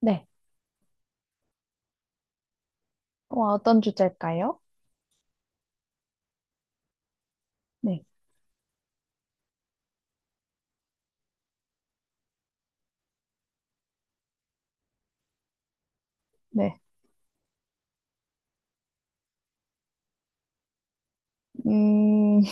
네. 와, 어떤 주제일까요? 네. 네. 음,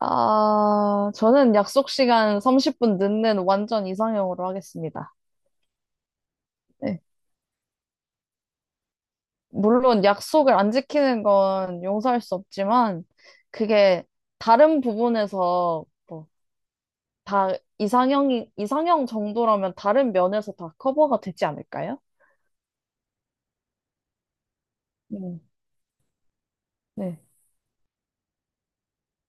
아, 저는 약속 시간 30분 늦는 완전 이상형으로 하겠습니다. 네. 물론 약속을 안 지키는 건 용서할 수 없지만, 그게 다른 부분에서 뭐, 다 이상형 정도라면 다른 면에서 다 커버가 되지 않을까요? 음, 네.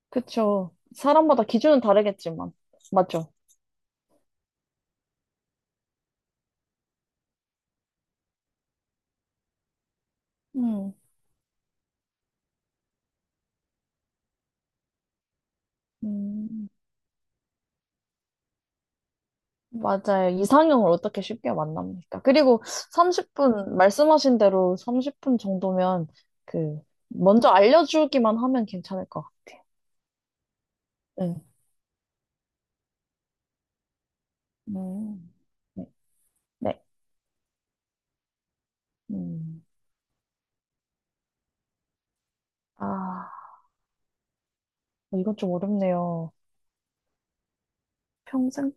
그쵸. 사람마다 기준은 다르겠지만, 맞죠? 음, 음. 맞아요. 이상형을 어떻게 쉽게 만납니까? 그리고 30분, 말씀하신 대로 30분 정도면 그, 먼저 알려주기만 하면 괜찮을 것 같아요. 네. 음, 네. 네. 음. 아, 어, 이건 좀 어렵네요. 평생?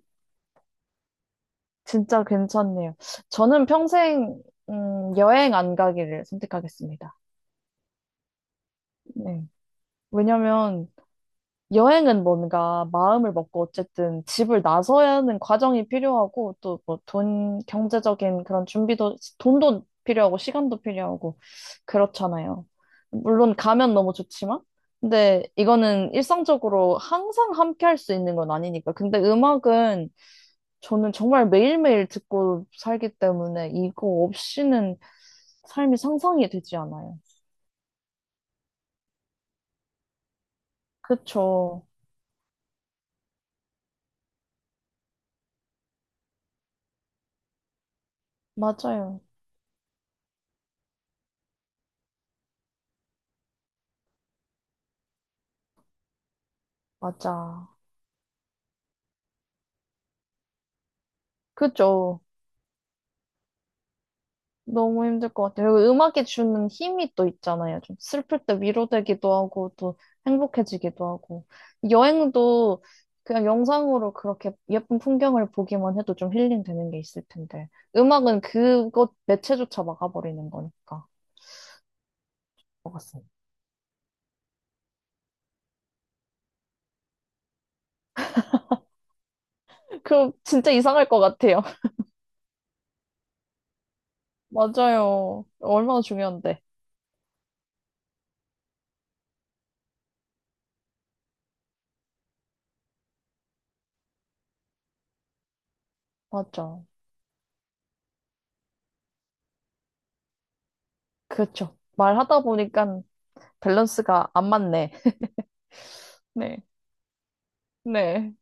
진짜 괜찮네요. 저는 평생, 여행 안 가기를 선택하겠습니다. 네. 왜냐면, 여행은 뭔가 마음을 먹고 어쨌든 집을 나서야 하는 과정이 필요하고 또 뭐 돈, 경제적인 그런 준비도, 돈도 필요하고 시간도 필요하고 그렇잖아요. 물론 가면 너무 좋지만, 근데 이거는 일상적으로 항상 함께 할 수 있는 건 아니니까. 근데 음악은 저는 정말 매일매일 듣고 살기 때문에 이거 없이는 삶이 상상이 되지 않아요. 그쵸. 맞아요. 맞아. 그죠. 너무 힘들 것 같아요. 그리고 음악이 주는 힘이 또 있잖아요. 좀 슬플 때 위로되기도 하고, 또 행복해지기도 하고. 여행도 그냥 영상으로 그렇게 예쁜 풍경을 보기만 해도 좀 힐링되는 게 있을 텐데. 음악은 그것 매체조차 막아버리는 거니까. 것 같습니다. 그럼 진짜 이상할 것 같아요. 맞아요. 얼마나 중요한데. 맞아. 그렇죠. 말하다 보니까 밸런스가 안 맞네. 네. 네.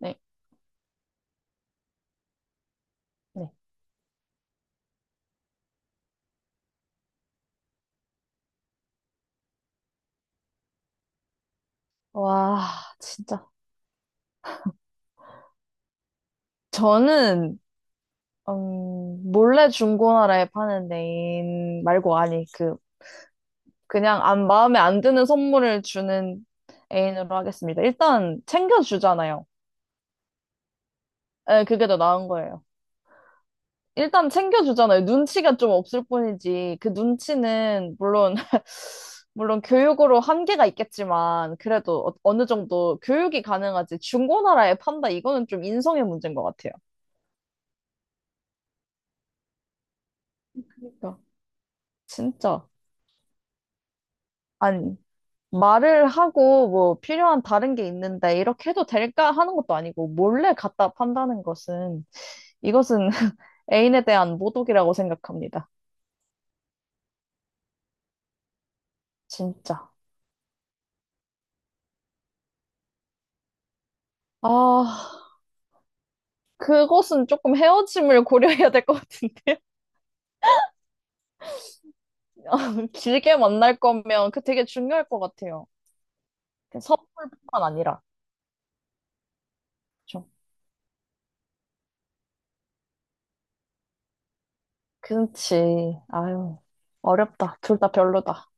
네. 네. 와, 진짜. 저는 몰래 중고나라에 파는 애인 말고 아니 그 그냥 안 마음에 안 드는 선물을 주는 애인으로 하겠습니다. 일단 챙겨주잖아요. 네, 그게 더 나은 거예요. 일단 챙겨주잖아요. 눈치가 좀 없을 뿐이지 그 눈치는 물론 물론 교육으로 한계가 있겠지만 그래도 어- 어느 정도 교육이 가능하지 중고나라에 판다 이거는 좀 인성의 문제인 것 같아요. 그러니까 진짜 아니. 말을 하고 뭐 필요한 다른 게 있는데 이렇게 해도 될까 하는 것도 아니고 몰래 갖다 판다는 것은 이것은 애인에 대한 모독이라고 생각합니다. 진짜. 아, 그것은 조금 헤어짐을 고려해야 될 것 같은데요. 아, 길게 만날 거면 그 되게 중요할 것 같아요. 그 선물뿐만 아니라. 그쵸? 그치. 아유, 어렵다. 둘 다 별로다.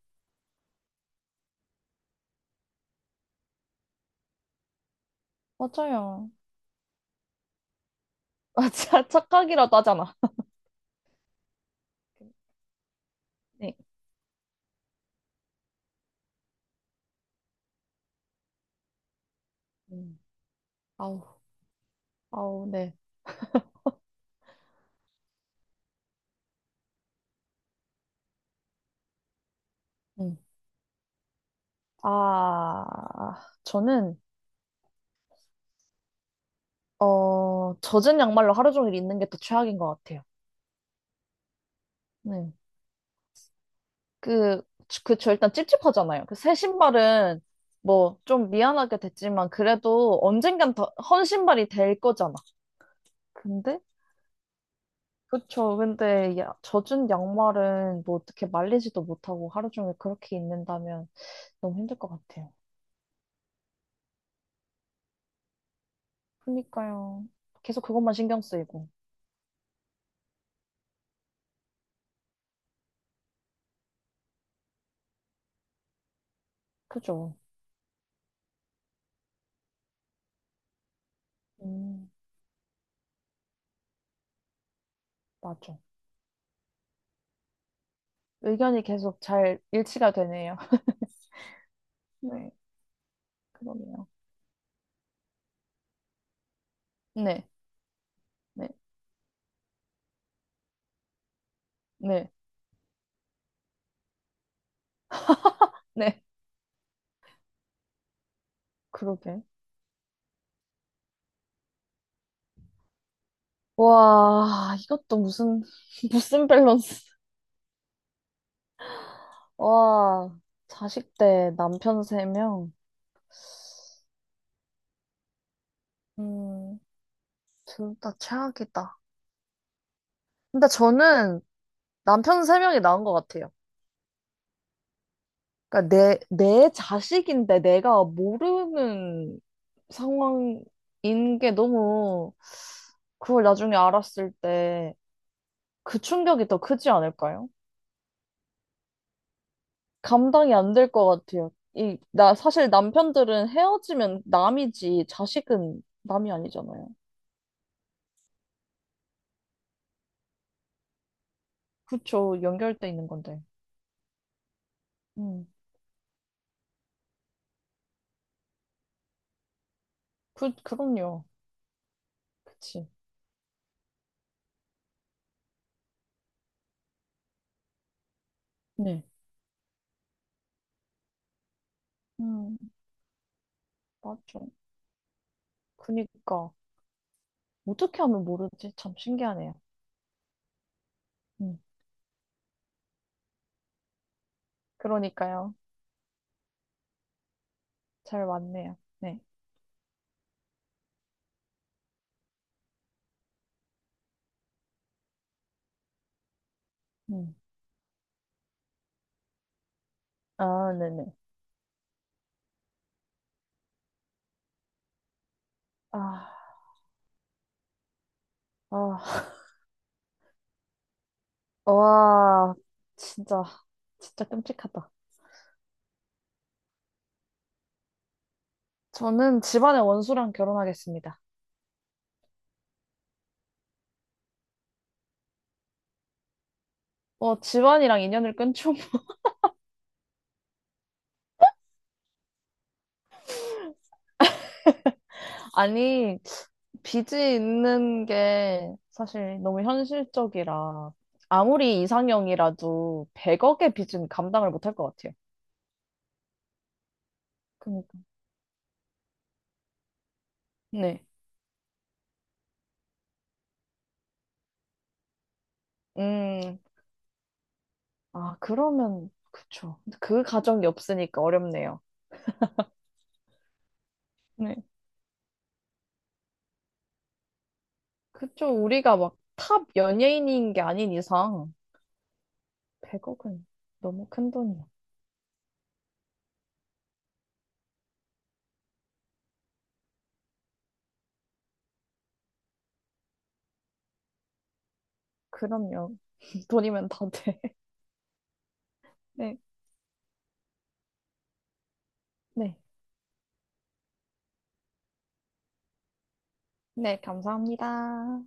맞아요. 아, 착각이라도 하잖아. 네. 음. 아우, 아우, 네. 음. 아, 저는, 어, 젖은 양말로 하루 종일 있는 게 더 최악인 것 같아요. 네. 그, 저 일단 찝찝하잖아요. 그 새 신발은 뭐 좀 미안하게 됐지만 그래도 언젠간 더, 헌 신발이 될 거잖아. 근데? 그쵸. 근데 야, 젖은 양말은 뭐 어떻게 말리지도 못하고 하루 종일 그렇게 있는다면 너무 힘들 것 같아요. 그니까요. 계속 그것만 신경 쓰이고. 그죠. 음, 맞아. 의견이 계속 잘 일치가 되네요. 네, 그러네요. 네, 네, 네, 네, 그러게. 와, 이것도 무슨, 무슨 밸런스. 와, 자식 대 남편 3명 음, 둘 다 최악이다. 근데 저는 남편 3명이 나은 것 같아요. 그러니까 내 자식인데 내가 모르는 상황인 게 너무, 그걸 나중에 알았을 때, 그 충격이 더 크지 않을까요? 감당이 안 될 것 같아요. 이, 나, 사실 남편들은 헤어지면 남이지, 자식은 남이 아니잖아요. 그쵸, 연결돼 있는 건데. 음, 그, 그럼요. 그치. 네. 음, 맞죠. 그니까. 어떻게 하면 모르지? 참 신기하네요. 음, 그러니까요. 잘 맞네요. 네. 음. 아, 네네. 아, 아, 와, 진짜, 진짜 끔찍하다. 저는 집안의 원수랑 결혼하겠습니다. 어, 집안이랑 인연을 끊죠. 아니, 빚이 있는 게 사실 너무 현실적이라 아무리 이상형이라도 100억의 빚은 감당을 못할 것 같아요. 그니까. 네. 음, 아, 그러면, 그쵸. 그 가정이 없으니까 어렵네요. 네. 그쵸. 우리가 막 탑 연예인인 게 아닌 이상 100억은 너무 큰 돈이야. 그럼요. 돈이면 다 돼. 네. 네. 네, 감사합니다.